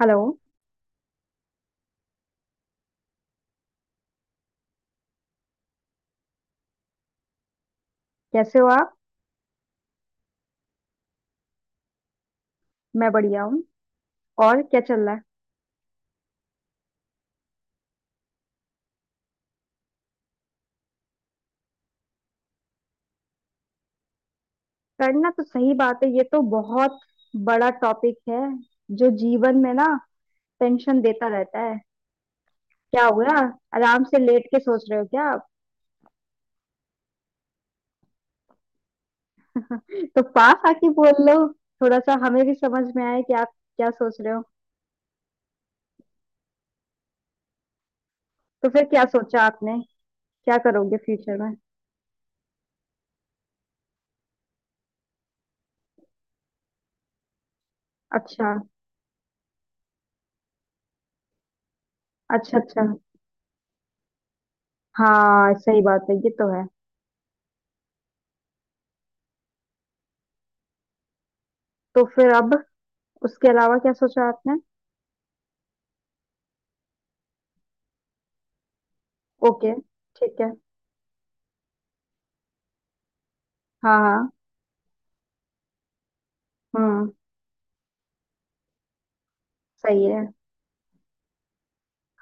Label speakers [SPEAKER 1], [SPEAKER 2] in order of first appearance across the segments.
[SPEAKER 1] Hello. कैसे हो आप? मैं बढ़िया हूँ। और क्या चल रहा है? करना तो सही बात है, ये तो बहुत बड़ा टॉपिक है। जो जीवन में ना टेंशन देता रहता है। क्या हो गया? आराम से लेट के सोच रहे हो क्या आप? तो पास आके बोल लो, थोड़ा सा हमें भी समझ में आए कि आप क्या सोच रहे हो। तो फिर क्या सोचा आपने? क्या करोगे फ्यूचर में? अच्छा अच्छा अच्छा। हाँ, सही बात है, ये तो है। तो फिर अब उसके अलावा क्या सोचा आपने? ओके, ठीक है। हाँ हाँ। हम्म सही है।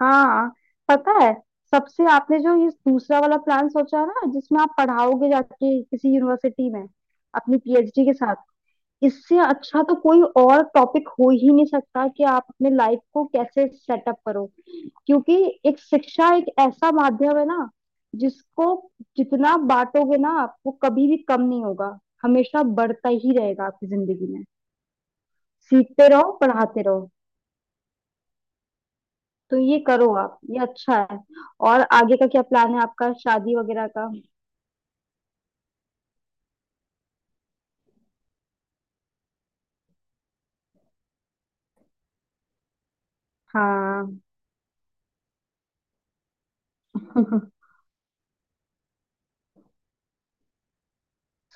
[SPEAKER 1] हाँ, पता है, सबसे आपने जो ये दूसरा वाला प्लान सोचा ना, जिसमें आप पढ़ाओगे जाके किसी यूनिवर्सिटी में, अपनी पीएचडी के साथ, इससे अच्छा तो कोई और टॉपिक हो ही नहीं सकता कि आप अपने लाइफ को कैसे सेटअप करो। क्योंकि एक शिक्षा एक ऐसा माध्यम है ना, जिसको जितना बांटोगे ना आप, वो कभी भी कम नहीं होगा, हमेशा बढ़ता ही रहेगा आपकी जिंदगी में। सीखते रहो पढ़ाते रहो। तो ये करो आप, ये अच्छा है। और आगे का क्या प्लान है आपका, शादी वगैरह का? हाँ।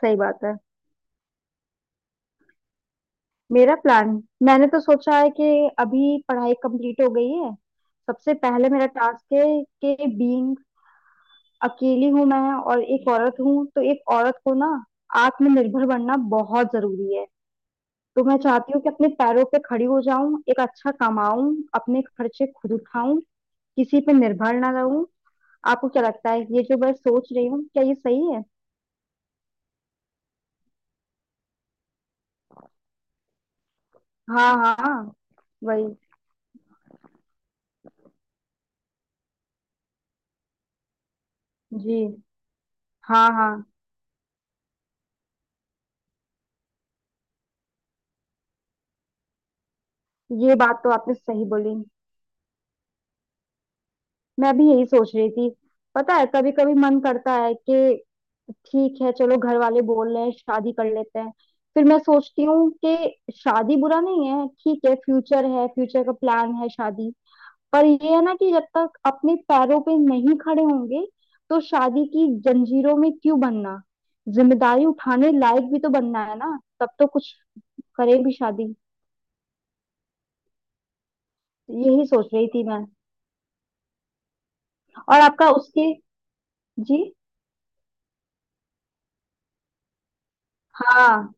[SPEAKER 1] सही बात है। मेरा प्लान, मैंने तो सोचा है कि अभी पढ़ाई कंप्लीट हो गई है, सबसे पहले मेरा टास्क है कि बीइंग अकेली हूं मैं, और एक औरत हूं, तो एक औरत को ना आत्मनिर्भर बनना बहुत जरूरी है। तो मैं चाहती हूँ कि अपने पैरों पे खड़ी हो जाऊं, एक अच्छा कमाऊं, अपने खर्चे खुद उठाऊं, किसी पे निर्भर ना रहूं। आपको क्या लगता है, ये जो मैं सोच रही हूँ क्या ये सही है? हाँ हाँ। वही। जी। हाँ हाँ। ये बात तो आपने सही बोली, मैं भी यही सोच रही थी। पता है, कभी कभी मन करता है कि ठीक है चलो घर वाले बोल रहे हैं शादी कर लेते हैं। फिर मैं सोचती हूँ कि शादी बुरा नहीं है, ठीक है, फ्यूचर है, फ्यूचर का प्लान है शादी, पर ये है ना कि जब तक अपने पैरों पे नहीं खड़े होंगे, तो शादी की जंजीरों में क्यों बनना। जिम्मेदारी उठाने लायक भी तो बनना है ना, तब तो कुछ करे भी शादी। यही सोच रही थी मैं। और आपका उसके। जी। हाँ,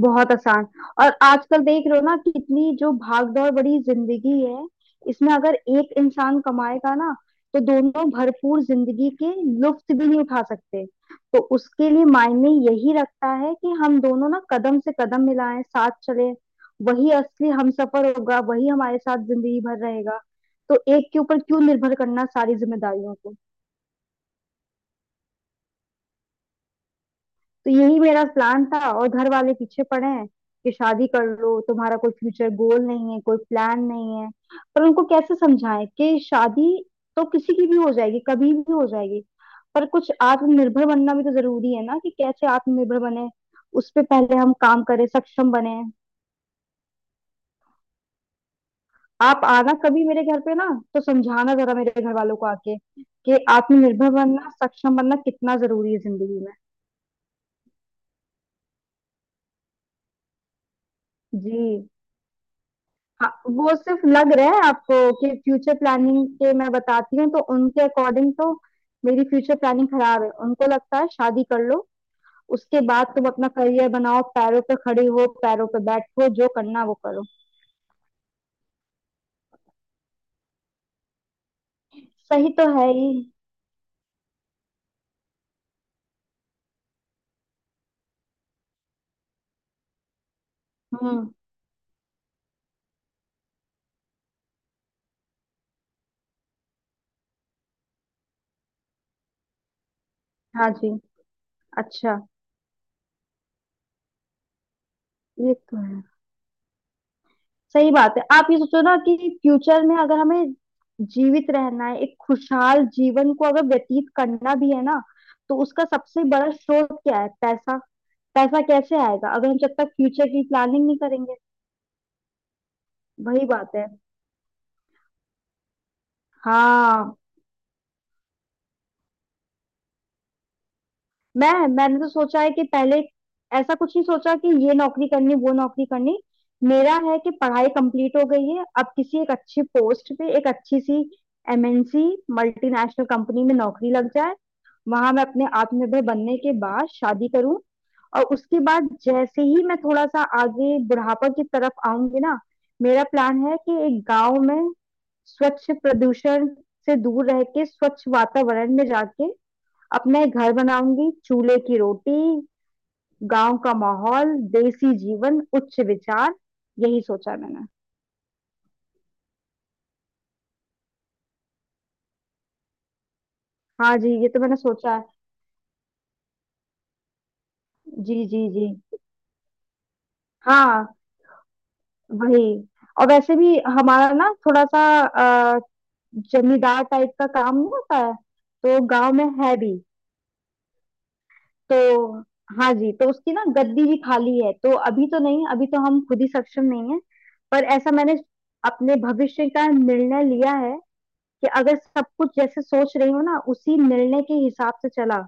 [SPEAKER 1] बहुत आसान। और आजकल देख रहे हो ना कितनी जो भाग दौड़ बड़ी जिंदगी है, इसमें अगर एक इंसान कमाएगा ना, तो दोनों भरपूर जिंदगी के लुत्फ भी नहीं उठा सकते। तो उसके लिए मायने यही रखता है कि हम दोनों ना कदम से कदम मिलाएं, साथ चलें। वही असली हमसफर होगा, वही हमारे साथ जिंदगी भर रहेगा। तो एक के ऊपर क्यों निर्भर करना सारी जिम्मेदारियों को। तो यही मेरा प्लान था, और घर वाले पीछे पड़े हैं कि शादी कर लो, तुम्हारा कोई फ्यूचर गोल नहीं है, कोई प्लान नहीं है। पर उनको कैसे समझाएं कि शादी तो किसी की भी हो जाएगी, कभी भी हो जाएगी, पर कुछ आत्मनिर्भर बनना भी तो जरूरी है ना, कि कैसे आत्मनिर्भर बने। उस पे पहले हम काम करें, सक्षम बने। आप आना कभी मेरे घर पे ना, तो समझाना जरा मेरे घर वालों को आके, कि आत्मनिर्भर बनना, सक्षम बनना कितना जरूरी है जिंदगी में। जी। हाँ, वो सिर्फ लग रहा है आपको कि फ्यूचर प्लानिंग के मैं बताती हूँ तो उनके अकॉर्डिंग तो मेरी फ्यूचर प्लानिंग खराब है, उनको लगता है शादी कर लो, उसके बाद तुम अपना करियर बनाओ, पैरों पे खड़ी हो, पैरों पे बैठो, जो करना वो करो। सही तो है ही। हम्म हाँ जी, अच्छा। ये तो है। सही बात है, आप ये सोचो ना कि फ्यूचर में अगर हमें जीवित रहना है, एक खुशहाल जीवन को अगर व्यतीत करना भी है ना, तो उसका सबसे बड़ा स्रोत क्या है? पैसा। पैसा कैसे आएगा अगर हम जब तक फ्यूचर की प्लानिंग नहीं करेंगे। वही बात है। हाँ। मैंने तो सोचा है कि पहले ऐसा कुछ नहीं सोचा कि ये नौकरी करनी वो नौकरी करनी, मेरा है कि पढ़ाई कंप्लीट हो गई है, अब किसी एक अच्छी पोस्ट पे, एक अच्छी सी एमएनसी, मल्टीनेशनल कंपनी में नौकरी लग जाए। वहां मैं अपने आत्मनिर्भर बनने के बाद शादी करूं, और उसके बाद जैसे ही मैं थोड़ा सा आगे बुढ़ापा की तरफ आऊंगी ना, मेरा प्लान है कि एक गांव में स्वच्छ प्रदूषण से दूर रह के, स्वच्छ वातावरण में जाके अपना एक घर बनाऊंगी, चूल्हे की रोटी, गांव का माहौल, देसी जीवन, उच्च विचार, यही सोचा है मैंने। हाँ जी, ये तो मैंने सोचा है। जी जी जी। हाँ, वही। और वैसे भी हमारा ना थोड़ा सा जमींदार टाइप का काम नहीं होता है तो गांव में है भी तो, हाँ जी, तो उसकी ना गद्दी भी खाली है, तो अभी तो नहीं, अभी तो हम खुद ही सक्षम नहीं है। पर ऐसा मैंने अपने भविष्य का निर्णय लिया है कि अगर सब कुछ जैसे सोच रही हूँ ना, उसी निर्णय के हिसाब से चला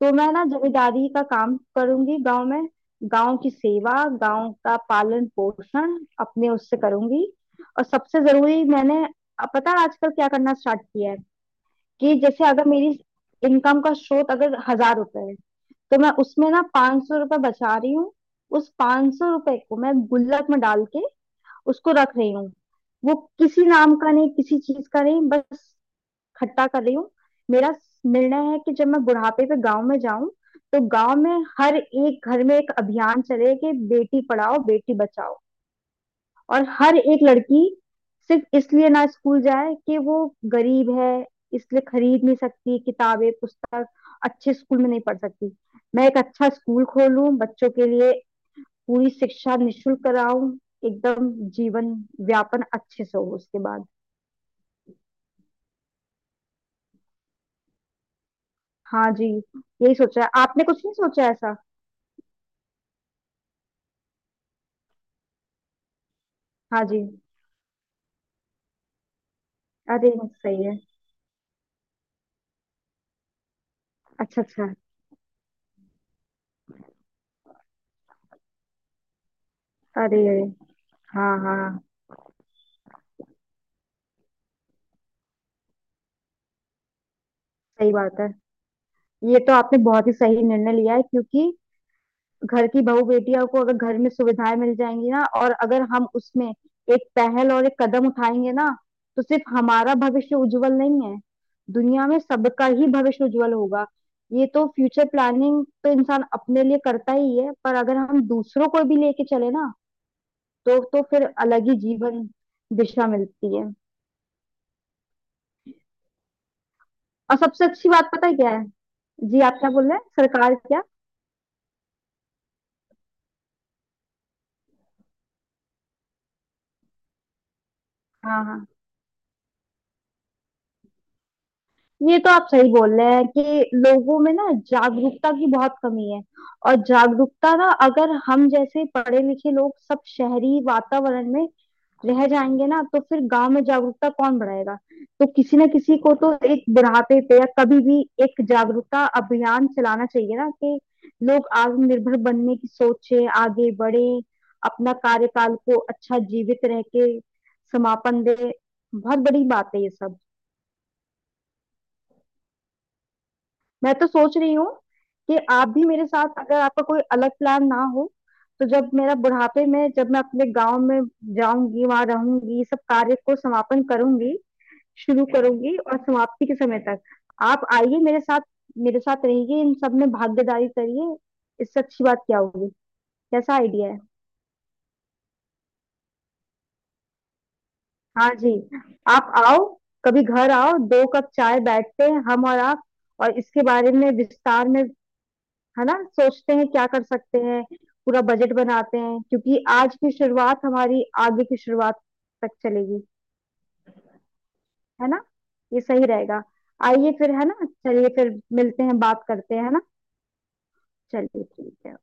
[SPEAKER 1] तो मैं ना जमींदारी का काम करूंगी गांव में, गांव की सेवा, गांव का पालन पोषण अपने उससे करूंगी। और सबसे जरूरी, मैंने अब, पता है आजकल क्या करना स्टार्ट किया है, कि जैसे अगर मेरी इनकम का स्रोत अगर 1000 रुपए है, तो मैं उसमें ना 500 रुपए बचा रही हूँ। उस 500 रुपए को मैं गुल्लक में डाल के उसको रख रही हूँ। वो किसी नाम का नहीं, किसी चीज का नहीं, बस खट्टा कर रही हूँ। मेरा निर्णय है कि जब मैं बुढ़ापे पे गांव में जाऊं, तो गांव में हर एक घर में एक अभियान चले कि बेटी पढ़ाओ बेटी बचाओ। और हर एक लड़की सिर्फ इसलिए ना स्कूल जाए कि वो गरीब है, इसलिए खरीद नहीं सकती किताबें पुस्तक, अच्छे स्कूल में नहीं पढ़ सकती। मैं एक अच्छा स्कूल खोलूं बच्चों के लिए, पूरी शिक्षा निशुल्क कराऊं, एकदम जीवन व्यापन अच्छे से हो उसके बाद। हाँ जी। यही सोचा है आपने, कुछ नहीं सोचा है ऐसा? हाँ जी। अरे सही है। अच्छा अच्छा। अरे अरे। हाँ हाँ। सही बात है, ये तो आपने बहुत ही सही निर्णय लिया है, क्योंकि घर की बहू बेटियों को अगर घर में सुविधाएं मिल जाएंगी ना, और अगर हम उसमें एक पहल और एक कदम उठाएंगे ना, तो सिर्फ हमारा भविष्य उज्जवल नहीं है, दुनिया में सबका ही भविष्य उज्जवल होगा। ये तो फ्यूचर प्लानिंग तो इंसान अपने लिए करता ही है, पर अगर हम दूसरों को भी लेके चले ना, तो फिर अलग ही जीवन दिशा मिलती है। और सबसे अच्छी बात पता है क्या है? जी, आप क्या बोल रहे हैं, सरकार क्या? हाँ हाँ, ये तो आप सही बोल रहे हैं कि लोगों में ना जागरूकता की बहुत कमी है। और जागरूकता ना, अगर हम जैसे पढ़े लिखे लोग सब शहरी वातावरण में रह जाएंगे ना, तो फिर गांव में जागरूकता कौन बढ़ाएगा? तो किसी ना किसी को तो एक बुढ़ापे पे या कभी भी एक जागरूकता अभियान चलाना चाहिए ना, कि लोग आत्मनिर्भर बनने की सोचे, आगे बढ़े, अपना कार्यकाल को अच्छा जीवित रह के समापन दे। बहुत बड़ी बात है ये सब। मैं तो सोच रही हूँ कि आप भी मेरे साथ, अगर आपका कोई अलग प्लान ना हो, तो जब मेरा बुढ़ापे में, जब मैं अपने गांव में जाऊंगी, वहां रहूंगी, सब कार्य को समापन करूंगी, शुरू करूंगी, और समाप्ति के समय तक आप आइए मेरे साथ, मेरे साथ रहिए, इन सब में भागीदारी करिए। इससे अच्छी बात क्या होगी? कैसा आइडिया है? हाँ जी। आप आओ, कभी घर आओ, दो कप चाय बैठते हैं हम और आप, और इसके बारे में विस्तार में, है ना, सोचते हैं क्या कर सकते हैं, पूरा बजट बनाते हैं, क्योंकि आज की शुरुआत हमारी आगे की शुरुआत तक चलेगी। है ना? ये सही रहेगा। आइए फिर, है ना, चलिए फिर मिलते हैं, बात करते हैं, है ना। चलिए, ठीक है।